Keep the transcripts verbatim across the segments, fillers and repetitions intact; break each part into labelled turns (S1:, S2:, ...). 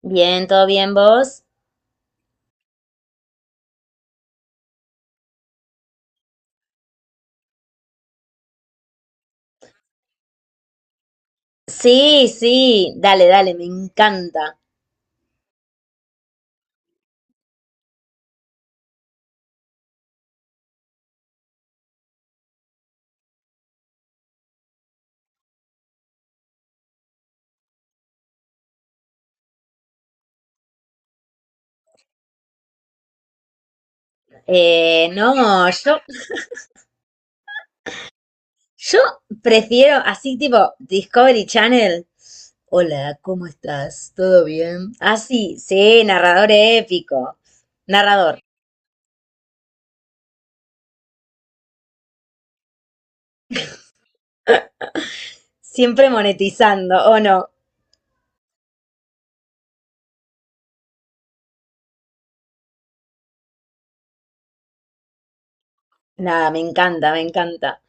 S1: Bien, ¿todo bien vos? Sí, sí, dale, dale, me encanta. Eh, no, yo, yo prefiero así tipo Discovery Channel. Hola, ¿cómo estás? ¿Todo bien? Ah, sí, sí, narrador épico. Narrador, siempre monetizando, ¿o no? Nada, me encanta, me encanta.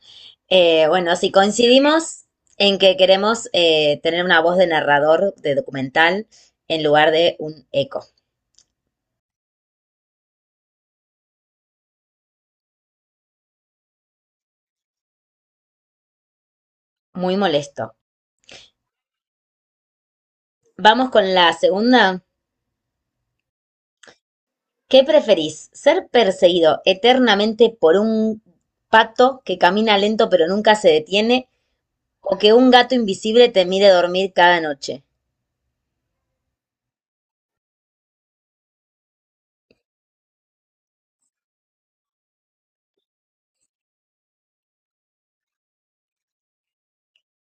S1: Eh, bueno, si coincidimos en que queremos eh, tener una voz de narrador de documental en lugar de un eco. Muy molesto. Vamos con la segunda. ¿Qué preferís? ¿Ser perseguido eternamente por un pato que camina lento pero nunca se detiene o que un gato invisible te mire dormir cada noche?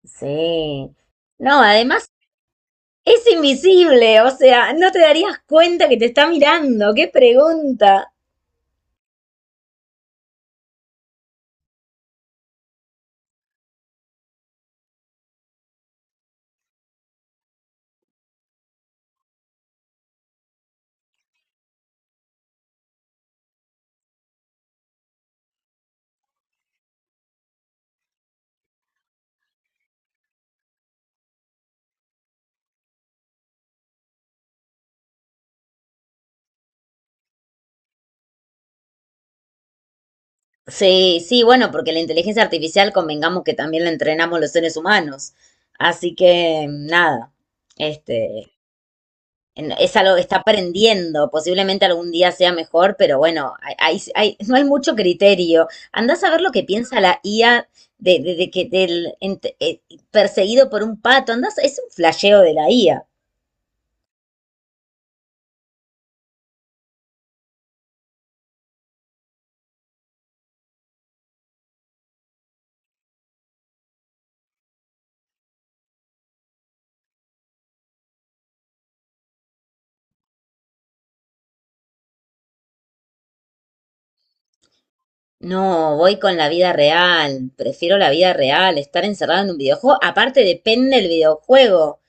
S1: Sí. No, además es invisible, o sea, no te darías cuenta que te está mirando. ¡Qué pregunta! Sí, sí, bueno, porque la inteligencia artificial convengamos que también la entrenamos los seres humanos. Así que nada, este, en- es algo que está aprendiendo, posiblemente algún día sea mejor, pero bueno, hay, hay- hay- no hay mucho criterio. Andás a ver lo que piensa la I A de, de- de que del ent- eh, perseguido por un pato, andás, es un flasheo de la I A. No, voy con la vida real, prefiero la vida real, estar encerrado en un videojuego, aparte depende del videojuego,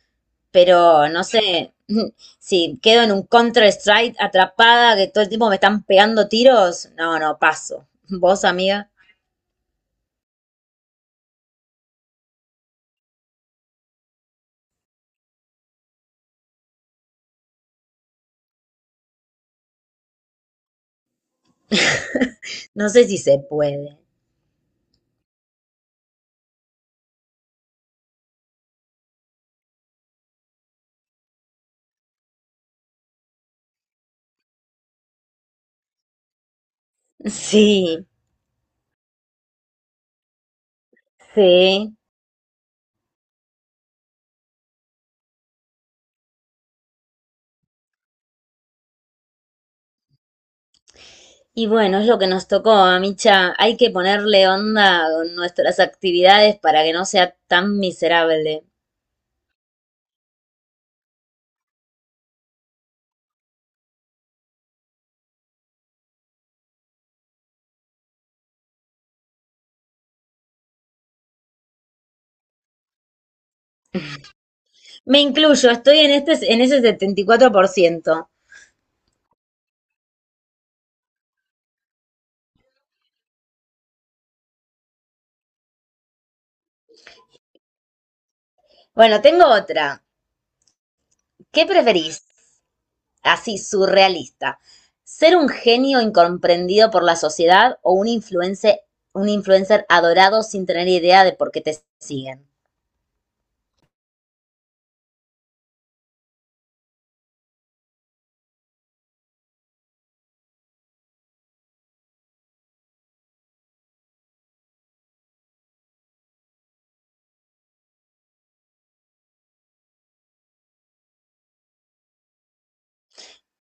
S1: pero no sé, si quedo en un Counter-Strike atrapada que todo el tiempo me están pegando tiros, no, no, paso. ¿Vos, amiga? No sé si se puede. Sí, sí. Y bueno, es lo que nos tocó, Micha. Hay que ponerle onda con nuestras actividades para que no sea tan miserable. Me incluyo, estoy en este, en ese setenta y cuatro por ciento. Bueno, tengo otra. ¿Qué preferís? Así, surrealista. ¿Ser un genio incomprendido por la sociedad o un influencer, un influencer adorado sin tener idea de por qué te siguen?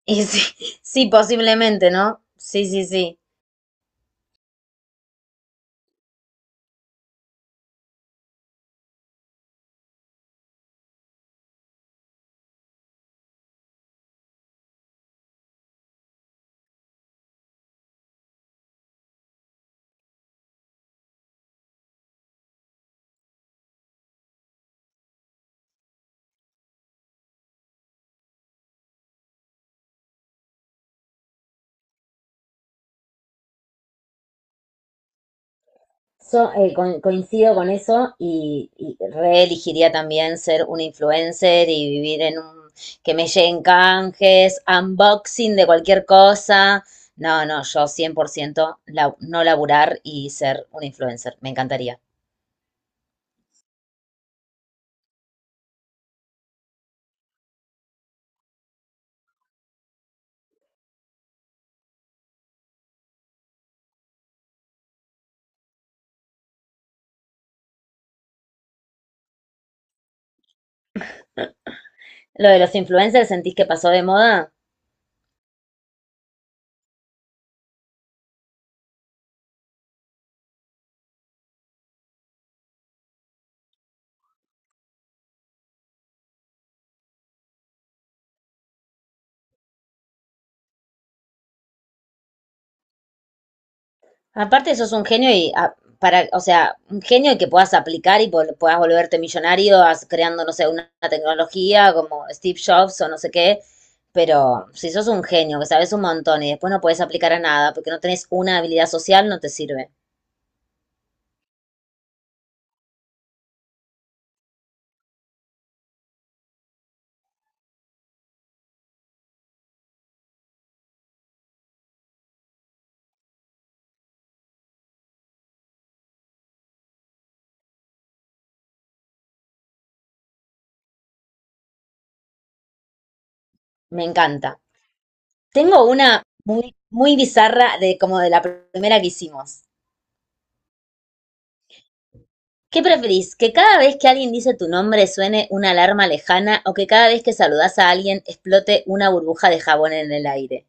S1: Y sí, sí, posiblemente, ¿no? Sí, sí, sí. So, eh, co- coincido con eso y, y reelegiría también ser un influencer y vivir en un... que me lleguen canjes, unboxing de cualquier cosa. No, no, yo cien por ciento la- no laburar y ser un influencer. Me encantaría. Lo de los influencers, ¿sentís que pasó de moda? Aparte sos un genio y ah, para, o sea, un genio que puedas aplicar y pol- puedas volverte millonario as- creando, no sé, una una tecnología como Steve Jobs o no sé qué. Pero si sos un genio, que sabes un montón y después no puedes aplicar a nada porque no tenés una habilidad social, no te sirve. Me encanta. Tengo una muy, muy bizarra de como de la primera que hicimos. ¿Qué preferís? ¿Que cada vez que alguien dice tu nombre suene una alarma lejana o que cada vez que saludás a alguien explote una burbuja de jabón en el aire?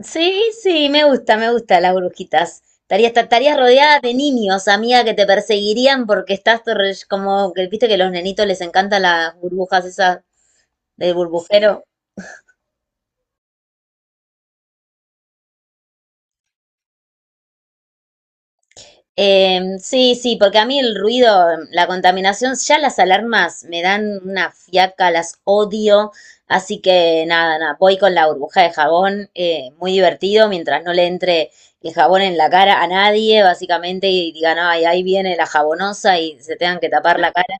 S1: Sí, sí, me gusta, me gusta las brujitas. Estarías, esta- estarías rodeada de niños, amiga, que te perseguirían porque estás torre- como que viste que a los nenitos les encantan las burbujas esas del burbujero. Eh, sí, sí, porque a mí el ruido, la contaminación, ya las alarmas me dan una fiaca, las odio. Así que nada, nada, voy con la burbuja de jabón, eh, muy divertido, mientras no le entre el jabón en la cara a nadie, básicamente, y digan, ay, ahí viene la jabonosa y se tengan que tapar la cara.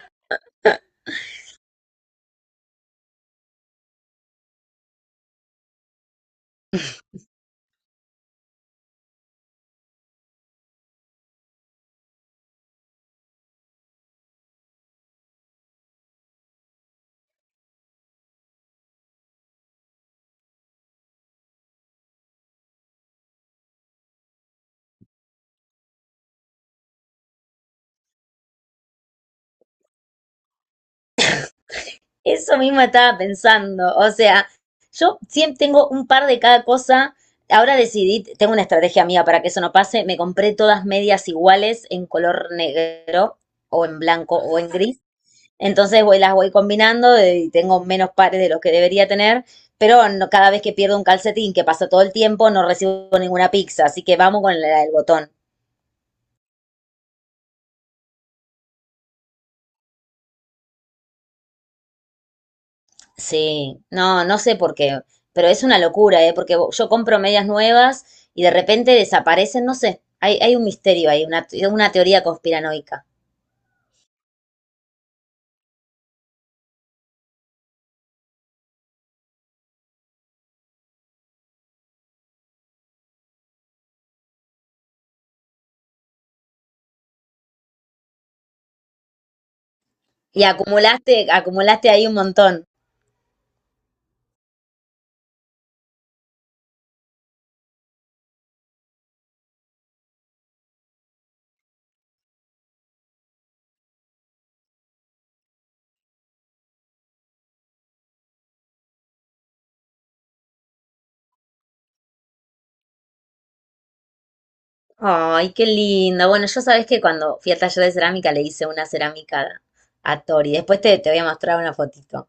S1: Eso mismo estaba pensando. O sea, yo siempre tengo un par de cada cosa. Ahora decidí, tengo una estrategia mía para que eso no pase. Me compré todas medias iguales en color negro o en blanco o en gris. Entonces voy, las voy combinando eh, y tengo menos pares de los que debería tener. Pero no- cada vez que pierdo un calcetín, que pasa todo el tiempo, no recibo ninguna pizza. Así que vamos con la del botón. Sí, no, no sé por qué, pero es una locura, ¿eh? Porque yo compro medias nuevas y de repente desaparecen, no sé, hay, hay un misterio ahí, una, una teoría conspiranoica. Y acumulaste, acumulaste ahí un montón. Ay, qué lindo. Bueno, yo sabes que cuando fui al taller de cerámica le hice una cerámica a Tori. Después te, te voy a mostrar una fotito.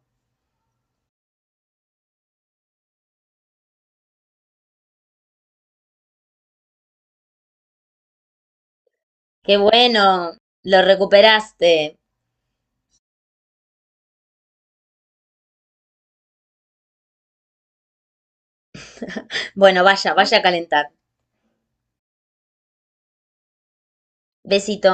S1: Qué bueno, lo recuperaste. Bueno, vaya, vaya a calentar. Besito.